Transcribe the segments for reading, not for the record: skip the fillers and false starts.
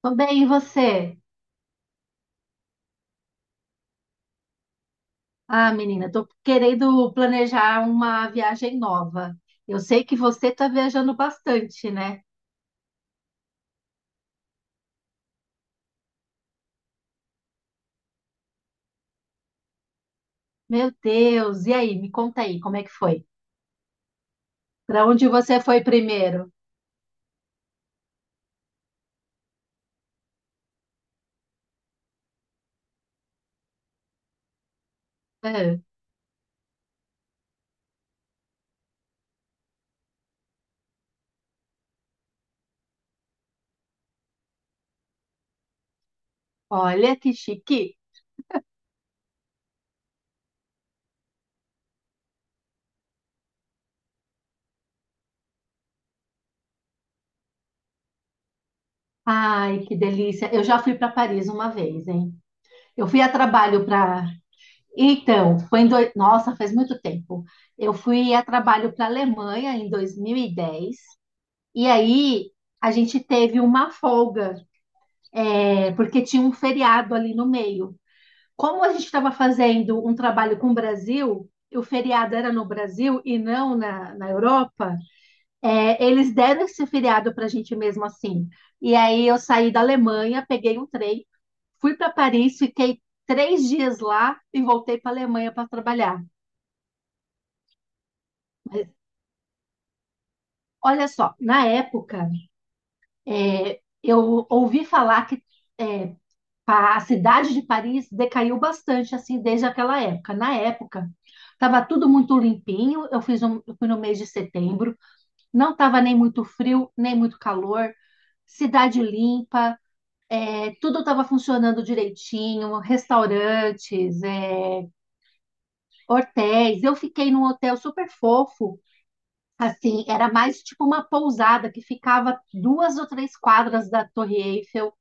Tô bem, e você? Ah, menina, tô querendo planejar uma viagem nova. Eu sei que você tá viajando bastante, né? Meu Deus, e aí? Me conta aí, como é que foi? Para onde você foi primeiro? Ah, olha que chique. Ai, que delícia. Eu já fui para Paris uma vez, hein? Eu fui a trabalho para. Então, foi em dois... Nossa, faz muito tempo. Eu fui a trabalho para a Alemanha em dois mil e dez. E aí, a gente teve uma folga. É, porque tinha um feriado ali no meio. Como a gente estava fazendo um trabalho com o Brasil, o feriado era no Brasil e não na Europa, eles deram esse feriado para a gente mesmo assim. E aí eu saí da Alemanha, peguei um trem, fui para Paris, fiquei três dias lá e voltei para a Alemanha para trabalhar. Mas, olha só, na época, eu ouvi falar que é, a cidade de Paris decaiu bastante assim desde aquela época. Na época, estava tudo muito limpinho. Eu fui no mês de setembro, não estava nem muito frio, nem muito calor. Cidade limpa, tudo estava funcionando direitinho, restaurantes, hotéis. Eu fiquei num hotel super fofo, assim, era mais tipo uma pousada que ficava duas ou três quadras da Torre Eiffel.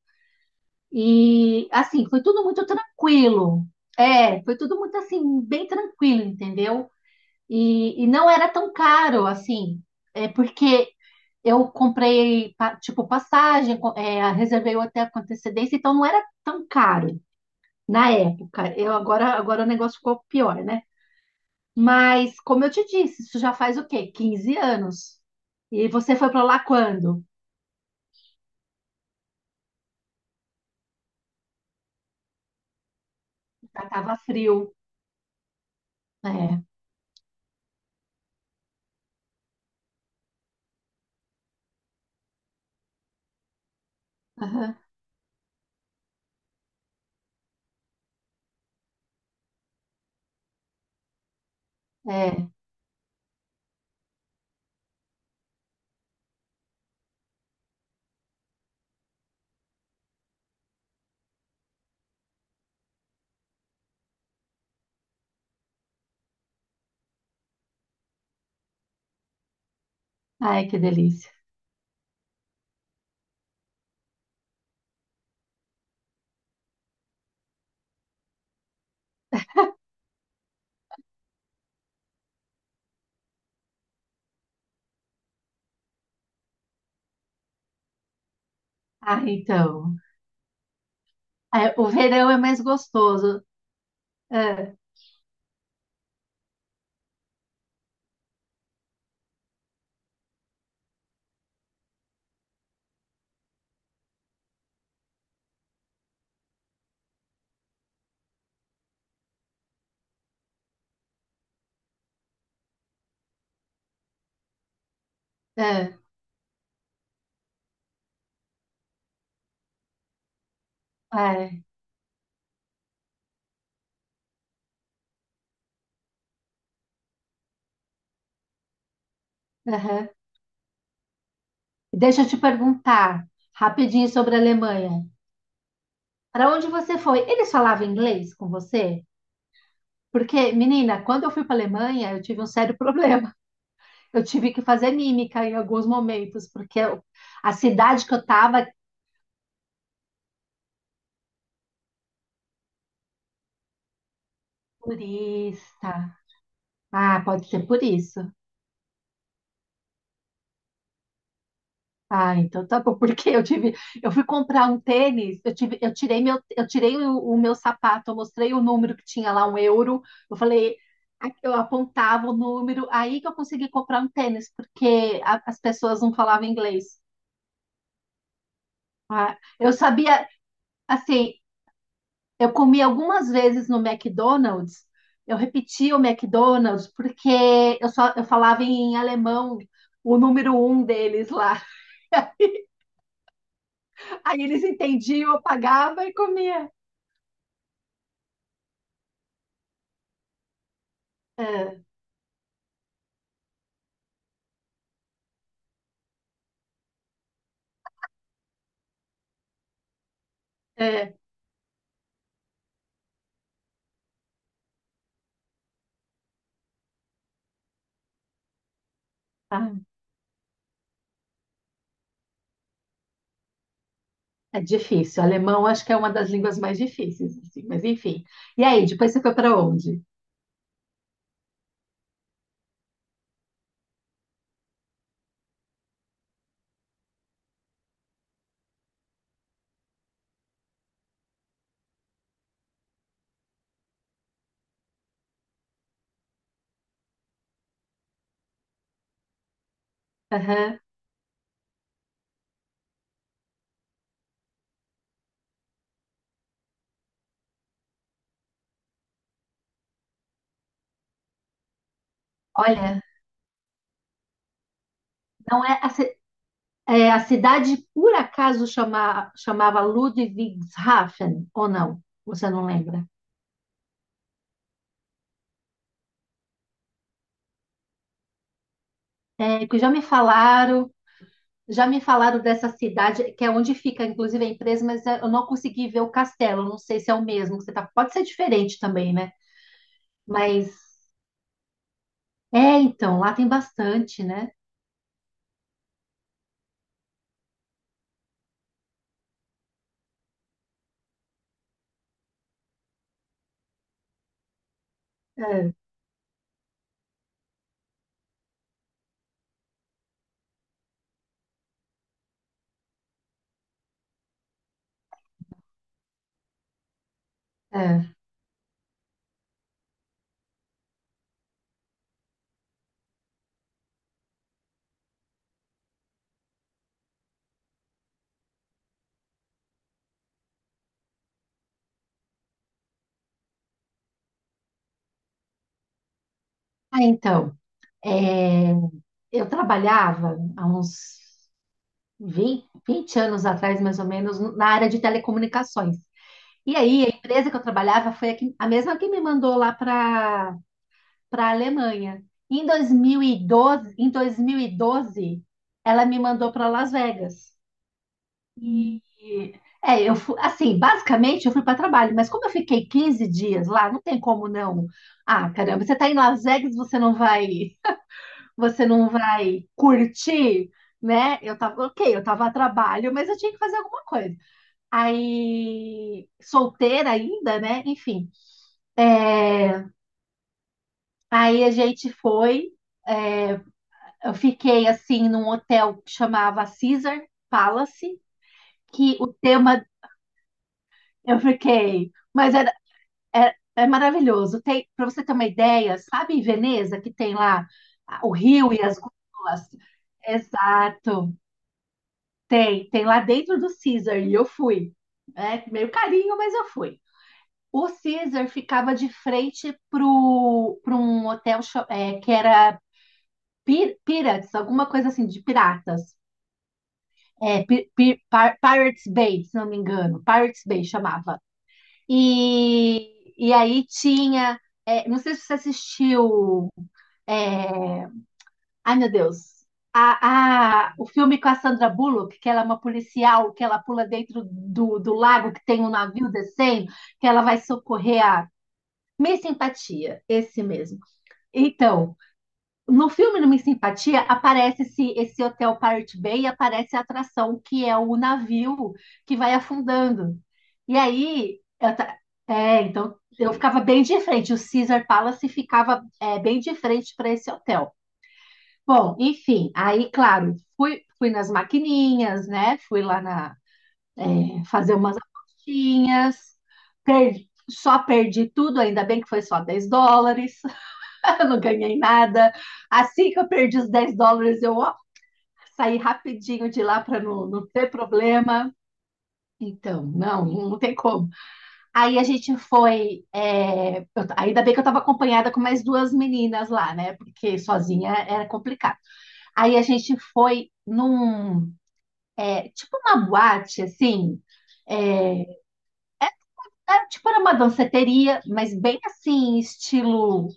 E assim, foi tudo muito tranquilo. É, foi tudo muito assim, bem tranquilo, entendeu? E não era tão caro assim, é porque eu comprei pa- tipo passagem, reservei o hotel com antecedência, então não era tão caro na época. Agora o negócio ficou pior, né? Mas como eu te disse, isso já faz o quê? Quinze anos. E você foi para lá quando? Já tava frio. É. Aham. É. Ai, que delícia. Ah, então. É, o verão é mais gostoso. É, é, é. Aham. Deixa eu te perguntar rapidinho sobre a Alemanha. Para onde você foi? Eles falavam inglês com você? Porque, menina, quando eu fui para a Alemanha, eu tive um sério problema. Eu tive que fazer mímica em alguns momentos, porque a cidade que eu estava é turista. Ah, pode ser por isso. Ah, então tá bom, porque eu fui comprar um tênis, eu tirei meu, eu tirei o meu sapato, eu mostrei o número que tinha lá, um euro, eu falei, eu apontava o número, aí que eu consegui comprar um tênis, porque as pessoas não falavam inglês. Ah, eu sabia, assim, eu comi algumas vezes no McDonald's, eu repetia o McDonald's, porque eu falava em alemão, o número um deles lá, aí eles entendiam, eu pagava e comia. É. É, ah, é difícil. Alemão acho que é uma das línguas mais difíceis, assim, mas enfim. E aí, depois você foi para onde? Aham. Olha, não é a, ci- é, a cidade por acaso chamava Ludwigshafen ou não? Você não lembra? É, que já me falaram dessa cidade, que é onde fica, inclusive, a empresa, mas eu não consegui ver o castelo. Não sei se é o mesmo que você tá. Pode ser diferente também, né? Mas então, lá tem bastante, né? É, é. Ah, então. É, eu trabalhava há uns 20 20 anos atrás, mais ou menos, na área de telecomunicações. E aí, a empresa que eu trabalhava foi a mesma que me mandou lá para a Alemanha. Em 2012, Em 2012, ela me mandou para Las Vegas. E eu fui, assim, basicamente eu fui para trabalho, mas como eu fiquei 15 dias lá, não tem como não. Ah, caramba, você está em Las Vegas, você não vai curtir, né? Ok, eu tava a trabalho, mas eu tinha que fazer alguma coisa. Aí, solteira ainda, né? Enfim. É. Aí a gente foi, eu fiquei assim num hotel que chamava Caesar Palace, que o tema eu fiquei, mas era, é, é maravilhoso. Tem, para você ter uma ideia, sabe em Veneza que tem lá, ah, o rio e as gôndolas? Exato. Tem lá dentro do Caesar e eu fui. É meio carinho, mas eu fui. O Caesar ficava de frente pro um hotel que era Pirates, alguma coisa assim, de piratas. É, Pirates Bay, se não me engano. Pirates Bay chamava. E aí tinha. Não sei se você assistiu, é, ai, meu Deus. O filme com a Sandra Bullock, que ela é uma policial, que ela pula dentro do lago que tem um navio descendo, que ela vai socorrer a Miss Simpatia, esse mesmo. Então, no filme do Miss Simpatia aparece esse hotel Pirate Bay e aparece a atração que é o navio que vai afundando. E aí, então eu ficava bem de frente, o Caesar Palace ficava, bem de frente para esse hotel. Bom, enfim, aí, claro, fui nas maquininhas, né? Fui lá na, fazer umas apostinhas, só perdi tudo, ainda bem que foi só 10 dólares, eu não ganhei nada. Assim que eu perdi os 10 dólares, eu ó, saí rapidinho de lá para não ter problema. Então, não, não tem como. Aí a gente foi. Ainda bem que eu estava acompanhada com mais duas meninas lá, né? Porque sozinha era complicado. Aí a gente foi num, tipo uma boate, assim, é, era, tipo era uma danceteria, mas bem assim, estilo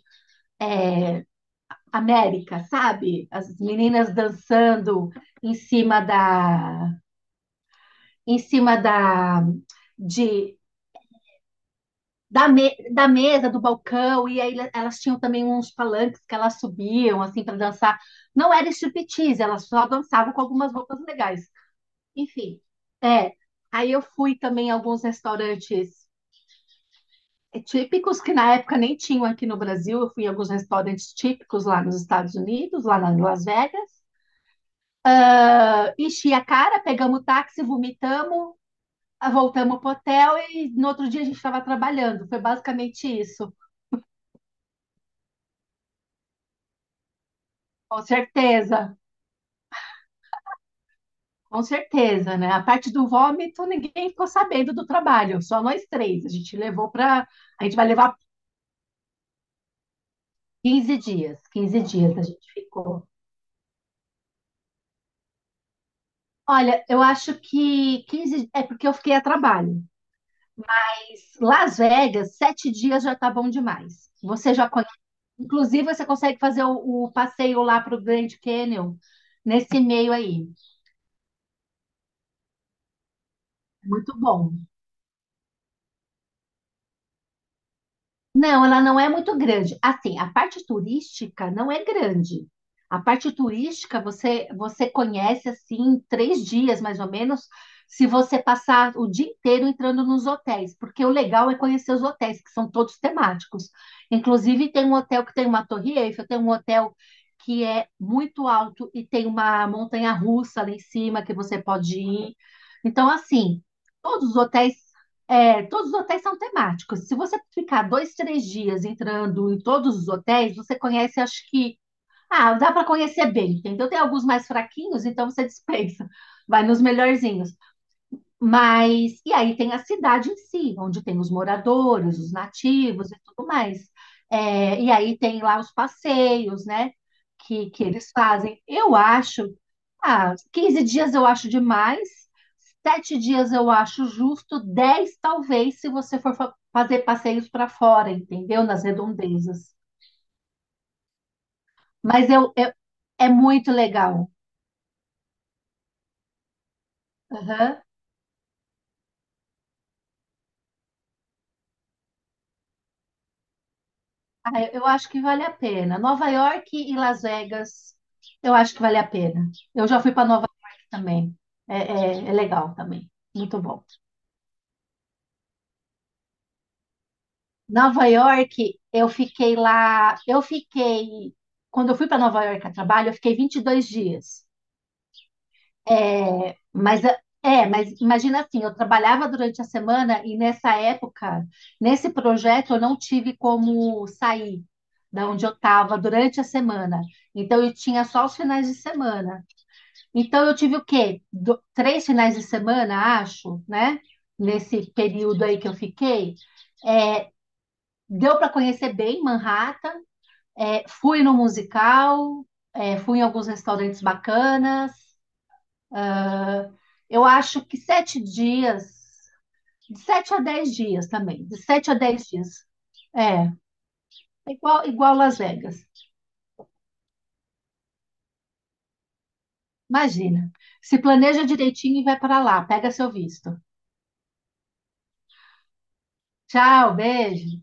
América, sabe? As meninas dançando em cima da, em cima da, de, da mesa, do balcão, e aí elas tinham também uns palanques que elas subiam, assim, para dançar. Não era striptease, elas só dançavam com algumas roupas legais. Enfim, é. Aí eu fui também a alguns restaurantes, típicos que na época nem tinham aqui no Brasil. Eu fui em alguns restaurantes típicos lá nos Estados Unidos, lá na Las Vegas. Enchi a cara, pegamos táxi, vomitamos, voltamos pro hotel e no outro dia a gente estava trabalhando. Foi basicamente isso. Com certeza, com certeza, né? A parte do vômito, ninguém ficou sabendo do trabalho, só nós três. A gente levou para. A gente vai levar 15 dias. Quinze dias a gente ficou. Olha, eu acho que 15 é porque eu fiquei a trabalho. Las Vegas, sete dias já tá bom demais. Você já conhece. Inclusive, você consegue fazer o passeio lá para o Grand Canyon nesse meio aí. Muito bom. Não, ela não é muito grande. Assim, a parte turística não é grande. A parte turística você conhece assim em três dias mais ou menos, se você passar o dia inteiro entrando nos hotéis, porque o legal é conhecer os hotéis que são todos temáticos. Inclusive tem um hotel que tem uma torre Eiffel, tem um hotel que é muito alto e tem uma montanha-russa lá em cima que você pode ir. Então assim, todos os hotéis todos os hotéis são temáticos. Se você ficar dois, três dias entrando em todos os hotéis, você conhece, acho que. Ah, dá para conhecer bem, entendeu? Tem alguns mais fraquinhos, então você dispensa. Vai nos melhorzinhos. Mas. E aí tem a cidade em si, onde tem os moradores, os nativos e tudo mais. É, e aí tem lá os passeios, né? Que eles fazem. Eu acho, ah, 15 dias eu acho demais, 7 dias eu acho justo, 10 talvez, se você for fazer passeios para fora, entendeu? Nas redondezas. Mas eu, é muito legal. Aham. Ah, eu acho que vale a pena. Nova York e Las Vegas, eu acho que vale a pena. Eu já fui para Nova York também. É, é, é legal também. Muito bom. Nova York, eu fiquei lá. Eu fiquei. Quando eu fui para Nova York a trabalho, eu fiquei 22 dias. É, mas imagina assim, eu trabalhava durante a semana e nessa época, nesse projeto, eu não tive como sair da onde eu estava durante a semana. Então eu tinha só os finais de semana. Então eu tive o quê? Três finais de semana, acho, né? Nesse período aí que eu fiquei. É, deu para conhecer bem Manhattan. É, fui no musical, fui em alguns restaurantes bacanas. Eu acho que sete dias. De 7 a 10 dias também. De 7 a 10 dias. É, é igual, igual Las Vegas. Imagina. Se planeja direitinho e vai para lá. Pega seu visto. Tchau, beijo.